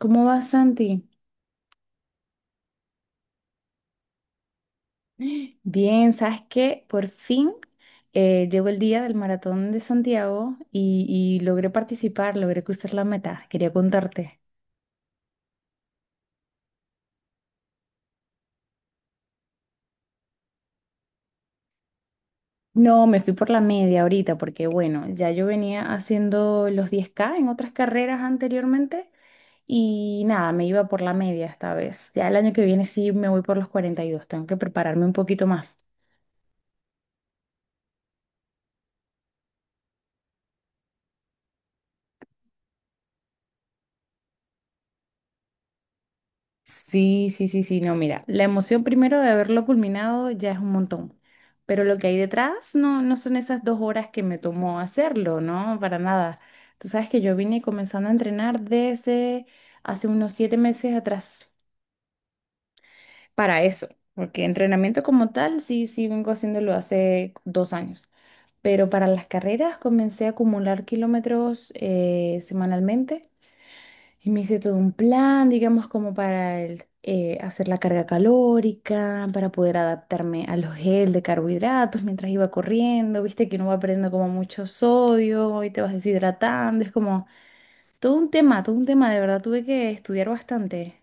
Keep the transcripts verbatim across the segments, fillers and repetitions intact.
¿Cómo vas, Santi? Bien, ¿sabes qué? Por fin eh, llegó el día del maratón de Santiago y, y logré participar, logré cruzar la meta. Quería contarte. No, me fui por la media ahorita porque, bueno, ya yo venía haciendo los diez ka en otras carreras anteriormente y nada, me iba por la media esta vez. Ya el año que viene sí me voy por los cuarenta y dos. Tengo que prepararme un poquito más. Sí, sí, sí, sí, no, mira, la emoción primero de haberlo culminado ya es un montón, pero lo que hay detrás no, no son esas dos horas que me tomó hacerlo, ¿no? Para nada. Tú sabes que yo vine comenzando a entrenar desde hace unos siete meses atrás para eso, porque entrenamiento como tal, sí, sí, vengo haciéndolo hace dos años, pero para las carreras comencé a acumular kilómetros eh, semanalmente. Y me hice todo un plan, digamos, como para el, eh, hacer la carga calórica, para poder adaptarme a los gel de carbohidratos mientras iba corriendo. Viste que uno va perdiendo como mucho sodio y te vas deshidratando. Es como todo un tema, todo un tema. De verdad tuve que estudiar bastante.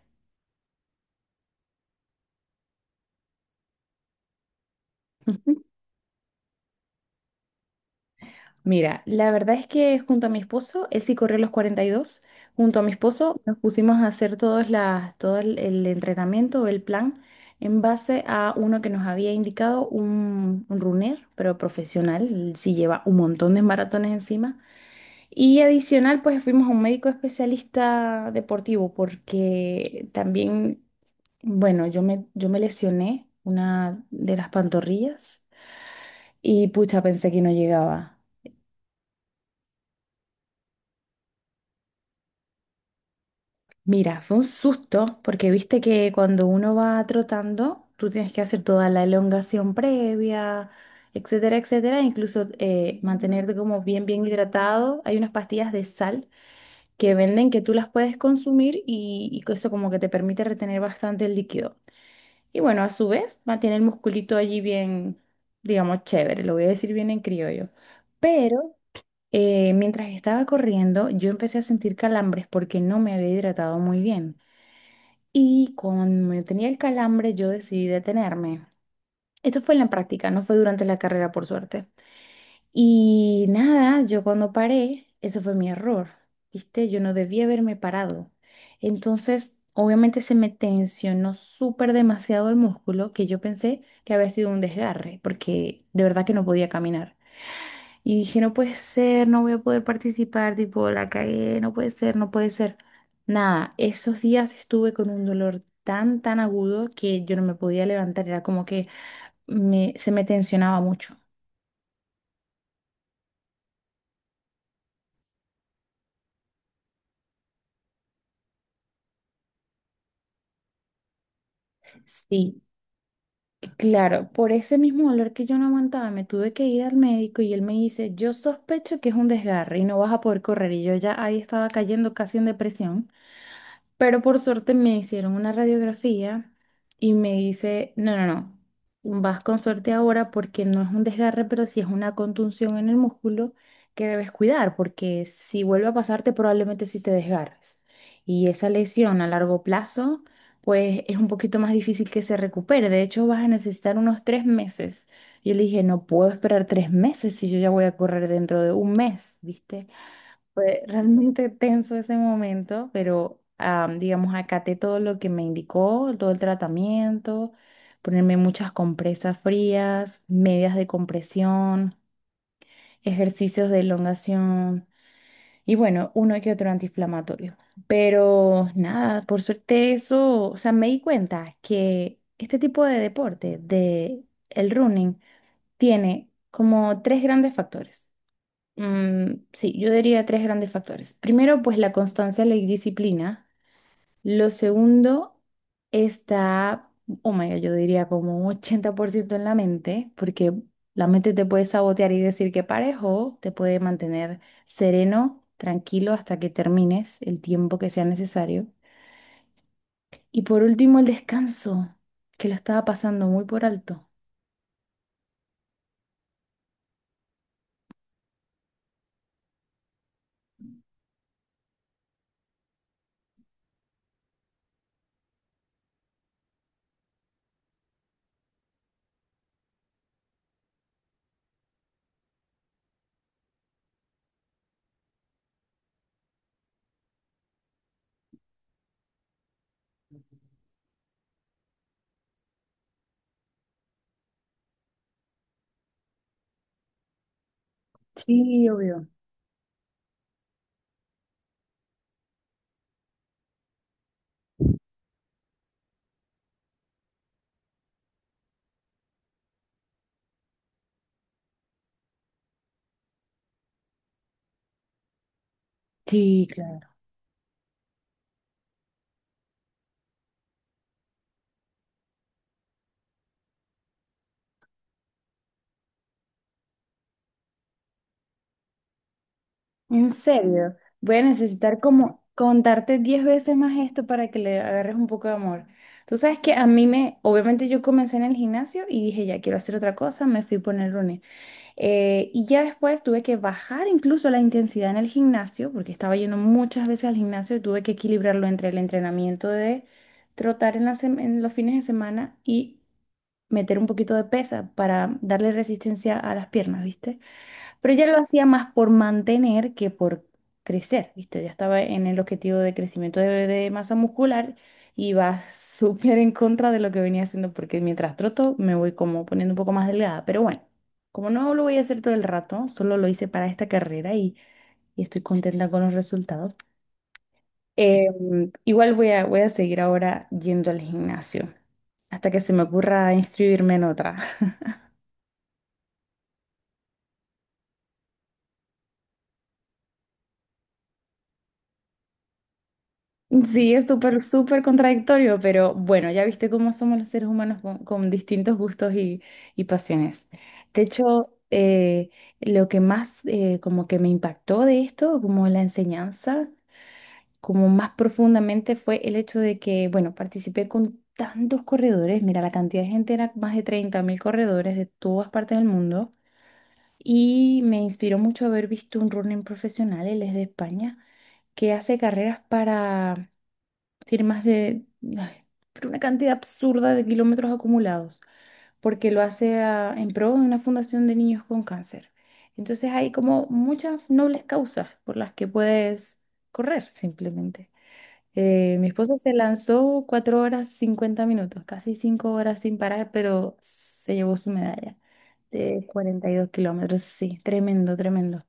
Mira, la verdad es que junto a mi esposo, él sí corrió los cuarenta y dos. Junto a mi esposo nos pusimos a hacer todas las, todo el, el entrenamiento, el plan, en base a uno que nos había indicado un, un runner, pero profesional, él sí lleva un montón de maratones encima. Y adicional, pues fuimos a un médico especialista deportivo, porque también, bueno, yo me, yo me lesioné una de las pantorrillas y pucha, pensé que no llegaba. Mira, fue un susto porque viste que cuando uno va trotando, tú tienes que hacer toda la elongación previa, etcétera, etcétera, incluso eh, mantenerte como bien, bien hidratado. Hay unas pastillas de sal que venden que tú las puedes consumir y, y que eso como que te permite retener bastante el líquido. Y bueno, a su vez, mantiene el musculito allí bien, digamos, chévere, lo voy a decir bien en criollo. Pero eh, mientras estaba corriendo, yo empecé a sentir calambres porque no me había hidratado muy bien. Y cuando me tenía el calambre, yo decidí detenerme. Esto fue en la práctica, no fue durante la carrera, por suerte. Y nada, yo cuando paré, ese fue mi error, ¿viste? Yo no debía haberme parado. Entonces, obviamente se me tensionó súper demasiado el músculo que yo pensé que había sido un desgarre, porque de verdad que no podía caminar. Y dije, no puede ser, no voy a poder participar, tipo, la cagué, no puede ser, no puede ser. Nada, esos días estuve con un dolor tan, tan agudo que yo no me podía levantar, era como que me, se me tensionaba mucho. Sí, claro, por ese mismo dolor que yo no aguantaba, me tuve que ir al médico y él me dice, yo sospecho que es un desgarre y no vas a poder correr. Y yo ya ahí estaba cayendo casi en depresión. Pero por suerte me hicieron una radiografía y me dice, no, no, no, vas con suerte ahora porque no es un desgarre, pero sí es una contunción en el músculo que debes cuidar, porque si vuelve a pasarte probablemente sí te desgarres. Y esa lesión a largo plazo, pues es un poquito más difícil que se recupere. De hecho, vas a necesitar unos tres meses. Yo le dije, no puedo esperar tres meses si yo ya voy a correr dentro de un mes, ¿viste? Fue realmente tenso ese momento, pero am, digamos, acaté todo lo que me indicó, todo el tratamiento, ponerme muchas compresas frías, medias de compresión, ejercicios de elongación y bueno, uno que otro antiinflamatorio. Pero nada, por suerte eso, o sea, me di cuenta que este tipo de deporte, de el running, tiene como tres grandes factores. Mm, sí, yo diría tres grandes factores. Primero, pues la constancia, la disciplina. Lo segundo está, oh my God, yo diría como un ochenta por ciento en la mente, porque la mente te puede sabotear y decir que pares o te puede mantener sereno, tranquilo hasta que termines el tiempo que sea necesario. Y por último, el descanso, que lo estaba pasando muy por alto. Sí, obvio. Sí, claro. En serio, voy a necesitar como contarte diez veces más esto para que le agarres un poco de amor. Tú sabes que a mí me, obviamente yo comencé en el gimnasio y dije, ya quiero hacer otra cosa, me fui por el running. Eh, y ya después tuve que bajar incluso la intensidad en el gimnasio, porque estaba yendo muchas veces al gimnasio y tuve que equilibrarlo entre el entrenamiento de trotar en, la sem- en los fines de semana y meter un poquito de pesa para darle resistencia a las piernas, ¿viste? Pero ya lo hacía más por mantener que por crecer, ¿viste? Ya estaba en el objetivo de crecimiento de, de masa muscular y va súper en contra de lo que venía haciendo porque mientras troto me voy como poniendo un poco más delgada. Pero bueno, como no lo voy a hacer todo el rato, solo lo hice para esta carrera y, y estoy contenta con los resultados. Eh, Igual voy a, voy a seguir ahora yendo al gimnasio hasta que se me ocurra inscribirme en otra. Sí, es súper, súper contradictorio, pero bueno, ya viste cómo somos los seres humanos con, con distintos gustos y, y pasiones. De hecho, eh, lo que más eh, como que me impactó de esto, como la enseñanza, como más profundamente fue el hecho de que, bueno, participé con tantos corredores, mira, la cantidad de gente era más de treinta mil corredores de todas partes del mundo y me inspiró mucho haber visto un running profesional, él es de España, que hace carreras para... Tiene más de, ay, pero una cantidad absurda de kilómetros acumulados, porque lo hace a- en pro de una fundación de niños con cáncer. Entonces hay como muchas nobles causas por las que puedes correr simplemente. Eh, mi esposo se lanzó cuatro horas cincuenta minutos, casi cinco horas sin parar, pero se llevó su medalla de cuarenta y dos kilómetros. Sí, tremendo, tremendo.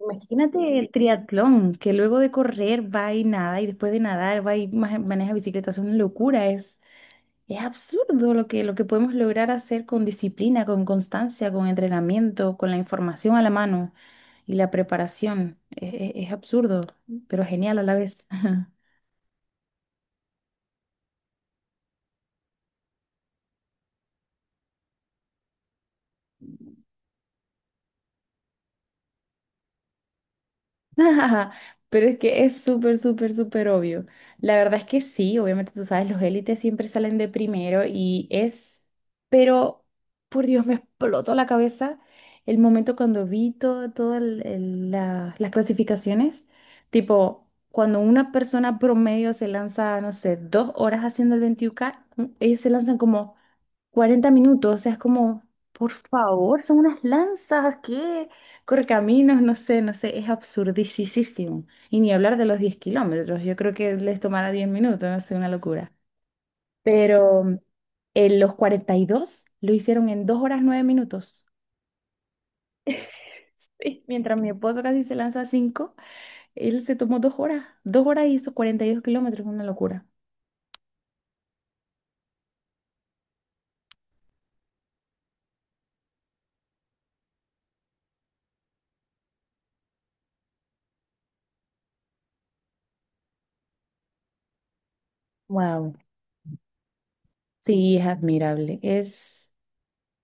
Imagínate el triatlón, que luego de correr va y nada, y después de nadar va y ma- maneja bicicleta. Es una locura, es, es absurdo lo que, lo que podemos lograr hacer con disciplina, con constancia, con entrenamiento, con la información a la mano y la preparación. Es, es- es absurdo, pero genial a la vez. Pero es que es súper, súper, súper obvio. La verdad es que sí, obviamente tú sabes, los élites siempre salen de primero y es, pero por Dios, me explotó la cabeza el momento cuando vi todo- todas el- el- la- las clasificaciones, tipo, cuando una persona promedio se lanza, no sé, dos horas haciendo el veintiún ka, ellos se lanzan como cuarenta minutos, o sea, es como, por favor, son unas lanzas, ¿qué? Correcaminos, no sé, no sé, es absurdicísimo. Y ni hablar de los diez kilómetros, yo creo que les tomará diez minutos, no sé, una locura. Pero en los cuarenta y dos lo hicieron en dos horas nueve minutos. Sí, mientras mi esposo casi se lanza a cinco, él se tomó dos horas. dos horas y hizo cuarenta y dos kilómetros, una locura. Wow, sí, es admirable. Es.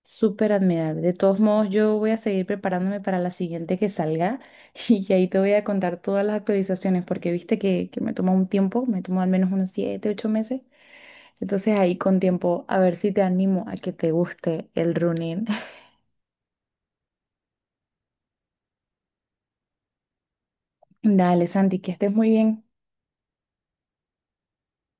Súper admirable. De todos modos, yo voy a seguir preparándome para la siguiente que salga y ahí te voy a contar todas las actualizaciones porque viste que, que me toma un tiempo, me tomó al menos unos siete ocho meses. Entonces ahí con tiempo, a ver si te animo a que te guste el running. Dale, Santi, que estés muy bien.